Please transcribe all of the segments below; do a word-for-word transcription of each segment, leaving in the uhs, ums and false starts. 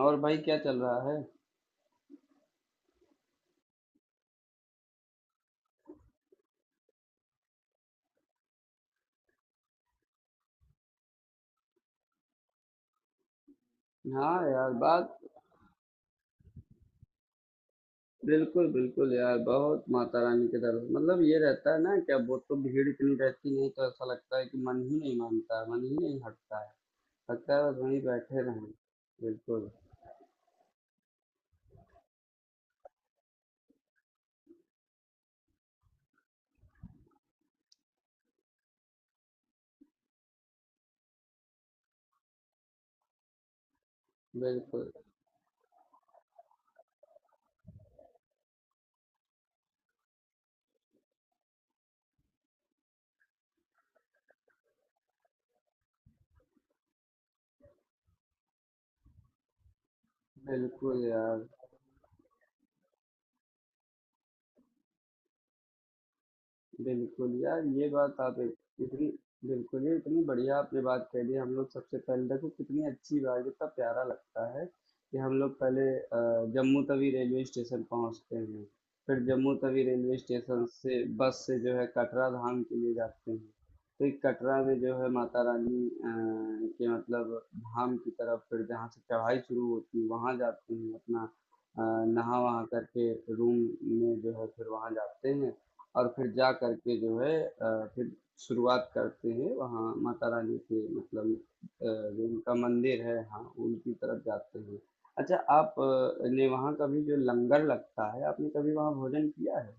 और भाई क्या चल रहा है। हाँ यार, बात बिल्कुल बिल्कुल यार। बहुत माता रानी के दर मतलब ये रहता है ना कि अब वो तो भीड़ इतनी रहती नहीं तो ऐसा लगता है कि मन ही नहीं मानता है, मन ही नहीं हटता है। लगता है बस वहीं बैठे रहें। बिल्कुल। बिल्कुल बिल्कुल यार। बिल्कुल, यार ये बात आप एक इतनी बिल्कुल, ये इतनी बढ़िया आपने बात कह दी। हम लोग सबसे पहले देखो कितनी अच्छी बात, कितना प्यारा लगता है कि हम लोग पहले अ, जम्मू तवी रेलवे स्टेशन पहुँचते हैं, फिर जम्मू तवी रेलवे स्टेशन से बस से जो है कटरा धाम के लिए जाते हैं। तो एक कटरा में जो है माता रानी अ, के मतलब धाम की तरफ फिर जहाँ से चढ़ाई शुरू होती है वहाँ जाते हैं अपना अ, नहा वहा करके रूम में जो है फिर वहाँ जाते हैं। और फिर जा करके जो है अ, फिर शुरुआत करते हैं वहाँ माता रानी के मतलब अ, जो उनका मंदिर है, हाँ, उनकी तरफ जाते हैं। अच्छा, आप अ, ने वहाँ कभी जो लंगर लगता है आपने कभी वहाँ भोजन किया है?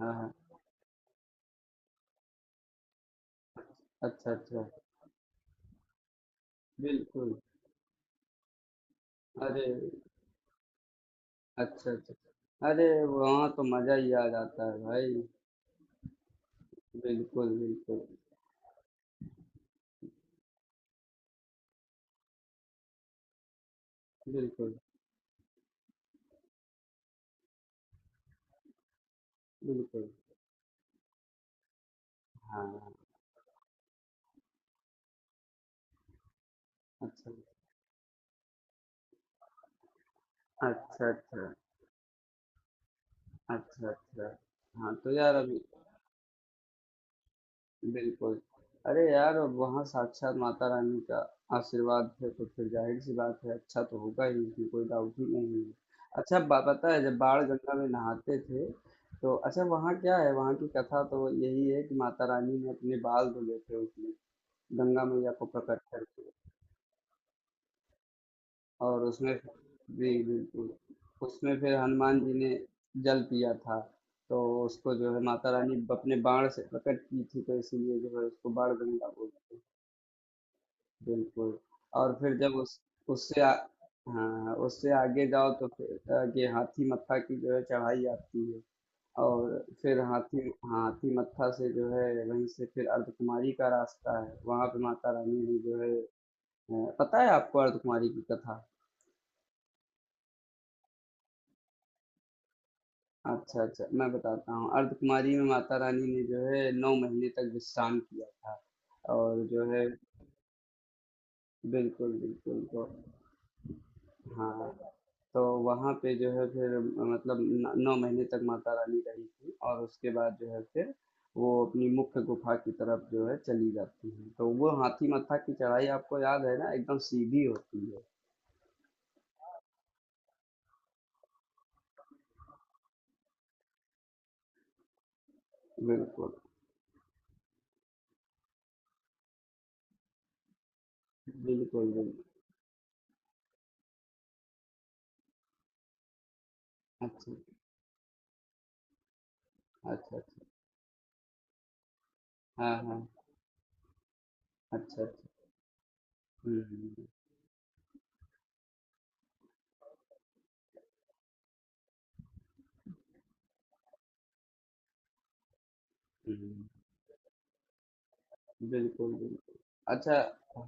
हाँ, हाँ। अच्छा अच्छा। बिल्कुल। अरे, अच्छा अच्छा, अरे वहाँ तो मजा ही आ जाता है भाई। बिल्कुल बिल्कुल। बिल्कुल बिल्कुल। हाँ, हाँ। अच्छा अच्छा। अच्छा अच्छा। अच्छा। हाँ, तो यार अभी बिल्कुल। अरे यार! अब वहाँ साक्षात माता रानी का आशीर्वाद है तो फिर जाहिर सी बात है, अच्छा तो होगा ही, इसमें कोई डाउट ही नहीं है। अच्छा, बा पता है जब बाण गंगा में नहाते थे तो अच्छा वहाँ क्या है, वहाँ की कथा तो यही है कि माता रानी ने अपने बाल धुले थे उसमें, गंगा मैया को प्रकट करके, और उसमें जी बिल्कुल उसमें फिर हनुमान जी ने जल पिया था। तो उसको जो है माता रानी अपने बाण से प्रकट की थी तो इसीलिए जो है उसको बाण गंगा बोलते हैं। बिल्कुल। और फिर जब उस उससे आ, हाँ उससे आगे जाओ तो फिर आगे हाथी मत्था की जो है चढ़ाई आती है। और फिर हाथी, हाथी मत्था से जो है वहीं से फिर अर्धकुमारी का रास्ता है। वहां पे माता रानी ने जो है अ, पता है आपको अर्धकुमारी की कथा? अच्छा अच्छा, मैं बताता हूँ। अर्धकुमारी में माता रानी ने जो है नौ महीने तक विश्राम किया था और जो है बिल्कुल बिल्कुल तो हाँ तो वहाँ पे जो है फिर मतलब न नौ महीने तक माता रानी रही थीं और उसके बाद जो है फिर वो अपनी मुख्य गुफ़ा की तरफ जो है चली जाती हैं। तो वो हाथी मत्था की चढ़ाई आपको याद है ना, एकदम सीधी होती है। बिल्कुल, बिल्कुल, बिल्कुल। अच्छा, अच्छा, अच्छा। हाँ, हाँ। अच्छा, अच्छा। हुँ, हुँ, हुँ। बिल्कुल, बिल्कुल। अच्छा।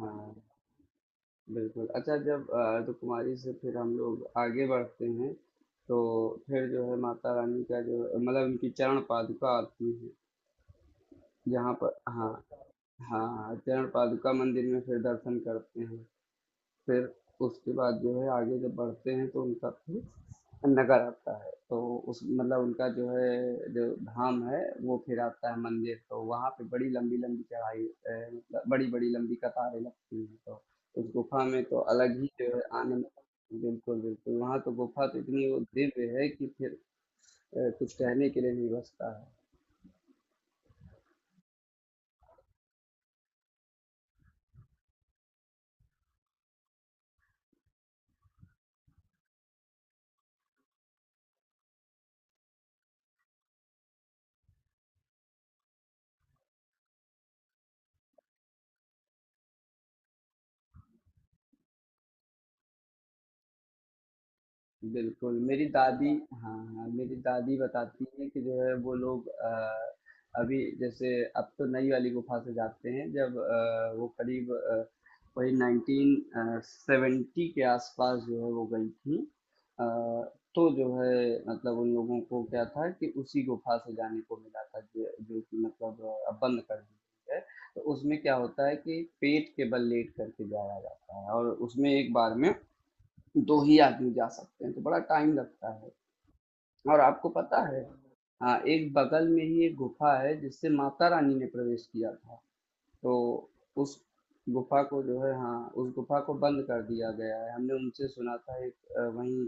हाँ। बिल्कुल। अच्छा जब अ, अर्धकुमारी से फिर हम लोग आगे बढ़ते हैं, तो फिर जो है माता रानी का जो मतलब उनकी चरण पादुका आती है, जहाँ पर हाँ, हाँ, हाँ, चरण पादुका मंदिर में फिर दर्शन करते हैं। फिर उसके बाद जो है आगे जब बढ़ते हैं तो उनका फिर नगर आता है तो उस मतलब उनका जो है जो धाम है वो फिर आता है मंदिर। तो वहाँ पे बड़ी लंबी लंबी चढ़ाई अ, मतलब बड़ी बड़ी लंबी कतारें लगती हैं तो उस गुफा में तो अलग ही जो है आनंद। बिल्कुल बिल्कुल, वहाँ तो गुफा तो इतनी वो दिव्य है कि फिर अ, कुछ कहने के लिए नहीं बचता है। बिल्कुल, मेरी दादी, हाँ, हाँ, मेरी दादी बताती हैं कि जो है वो लोग अ, अभी जैसे अब तो नई वाली गुफ़ा से जाते हैं, जब अ, वो करीब अ, वही नाइनटीन सेवेंटी के आसपास जो है वो गई थी। अ, तो जो है मतलब उन लोगों को क्या था कि उसी गुफ़ा से जाने को मिला था जो जो कि मतलब अ, अब बंद कर दी गई है। तो उसमें क्या होता है कि पेट के बल लेट करके जाया जाता है और उसमें एक बार में दो ही आदमी जा सकते हैं तो बड़ा टाइम लगता है। और आपको पता है हाँ एक बगल में ही एक गुफा है जिससे माता रानी ने प्रवेश किया था तो उस गुफा को जो है, हाँ, उस गुफा को बंद कर दिया गया है। हमने उनसे सुना था, एक अ, वहीं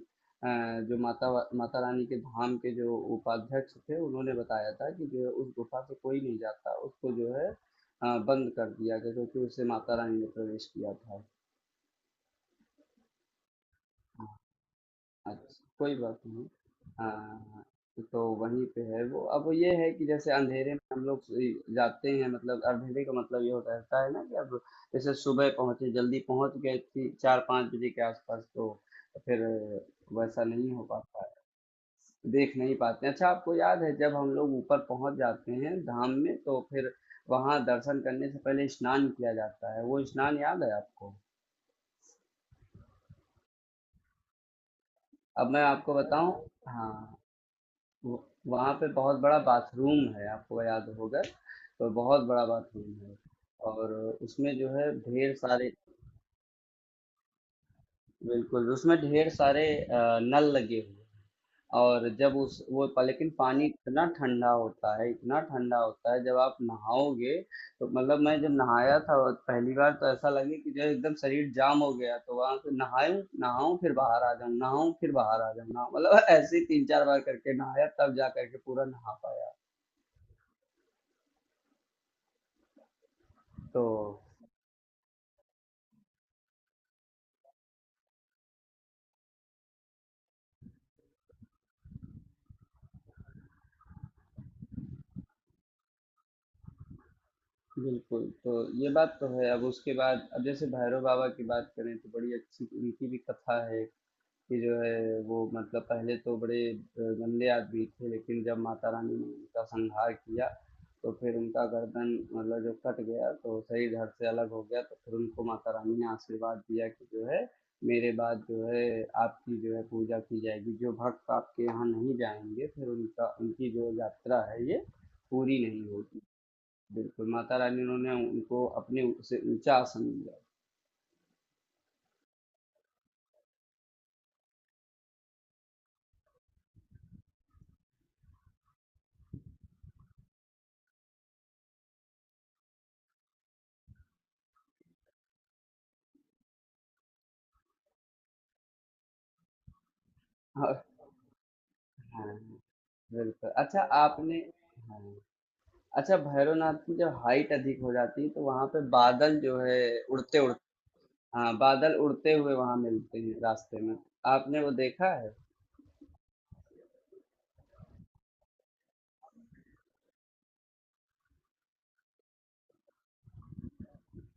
अ, जो माता वा- माता रानी के धाम के जो उपाध्यक्ष थे उन्होंने बताया था कि जो है उस गुफा से कोई नहीं जाता, उसको जो है अ, बंद कर दिया गया क्योंकि उससे माता रानी ने प्रवेश किया था। अच्छा, कोई बात नहीं। हाँ, तो वहीं पे है वो। अब ये है कि जैसे अंधेरे में हम लोग सो- जाते हैं, मतलब अंधेरे का मतलब ये होता रहता है ना कि अब जैसे सुबह पहुंचे, जल्दी पहुंच गए थी, चार पाँच बजे के आसपास, तो फिर वैसा नहीं हो पाता है, देख नहीं पाते हैं। अच्छा, आपको याद है जब हम लोग ऊपर पहुंच जाते हैं धाम में तो फिर वहां दर्शन करने से पहले स्नान किया जाता है, वो स्नान याद है आपको? अब मैं आपको बताऊं। हाँ, वो- वहाँ पे बहुत बड़ा बाथरूम है, आपको याद होगा, तो बहुत बड़ा बाथरूम है, और उसमें जो है ढेर सारे बिल्कुल, उसमें ढेर सारे अ, नल लगे हुए हैं। और जब उस वो पा- लेकिन पानी इतना ठंडा होता है, इतना ठंडा होता है, जब आप नहाओगे तो मतलब, मैं जब नहाया था और पहली बार तो ऐसा लगे कि जो है एकदम शरीर जाम हो गया। तो वहां से नहाऊं, नहाऊं फिर बाहर आ जाऊं, नहाऊं फिर बाहर आ जाऊं, नहाऊं, मतलब ऐसे ही तीन चार बार करके नहाया तब जा करके पूरा नहा पाया। तो बिल्कुल, तो ये बात तो है। अब उसके बाद अब जैसे भैरव बाबा की बात करें तो बड़ी अच्छी उनकी भी कथा है, कि जो है वो मतलब पहले तो बड़े अ, गंदे आदमी थे, लेकिन जब माता रानी ने उनका संहार किया तो फिर उनका गर्दन मतलब जो कट गया, तो सही धड़ से अलग हो गया, तो फिर उनको माता रानी ने आशीर्वाद दिया कि जो है मेरे बाद जो है आपकी जो है पूजा की जाएगी, जो भक्त आपके यहाँ नहीं जाएंगे फिर उनका उनकी जो यात्रा है ये पूरी नहीं होगी। बिल्कुल, माता रानी उन्होंने उनको अपने से ऊँचा आसन दिया। हाँ, बिल्कुल। अच्छा, आपने हाँ, अच्छा भैरवनाथ की जब हाइट अधिक हो जाती है तो वहाँ पे बादल जो है उड़ते उड़ हाँ, बादल उड़ते हुए वहाँ मिलते हैं रास्ते में। आपने वो देखा है?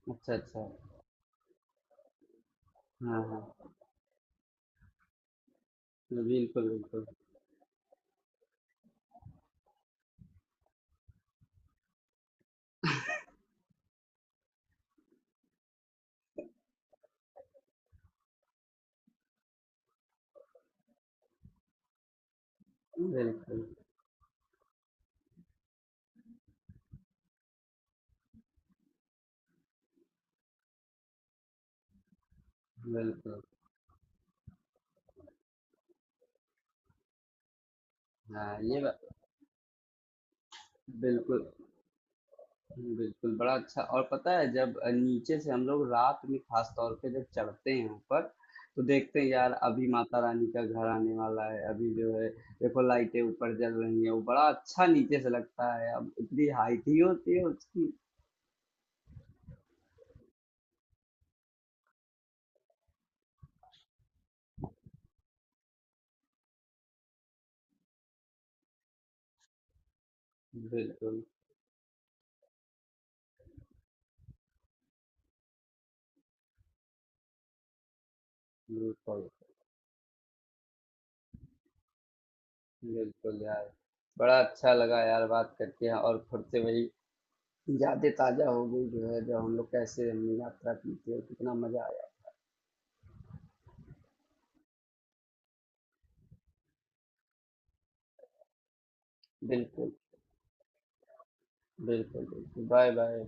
अच्छा, अच्छा। हाँ, हाँ। बिल्कुल, बिल्कुल। बिल्कुल, बिल्कुल। हाँ, ये बा बिल्कुल। हुँ, बिल्कुल, बड़ा अच्छा। और पता है जब अ, नीचे से हम लोग रात में ख़ास तौर पे जब चढ़ते हैं ऊपर, तो देखते हैं यार अभी माता रानी का घर आने वाला है, अभी जो है देखो लाइटें ऊपर जल रही हैं, वो बड़ा अच्छा नीचे से लगता है, अब इतनी हाइट ही होती है उसकी। बिल्कुल, बिल्कुल, बिल्कुल यार। बड़ा अच्छा लगा यार बात करके और फिर से वही यादें ताज़ा हो गई जो है, जब हम लोग कैसे हमने यात्रा की थी और कितना मज़ा आया। बिल्कुल, बिल्कुल, बिल्कुल। Bye, bye.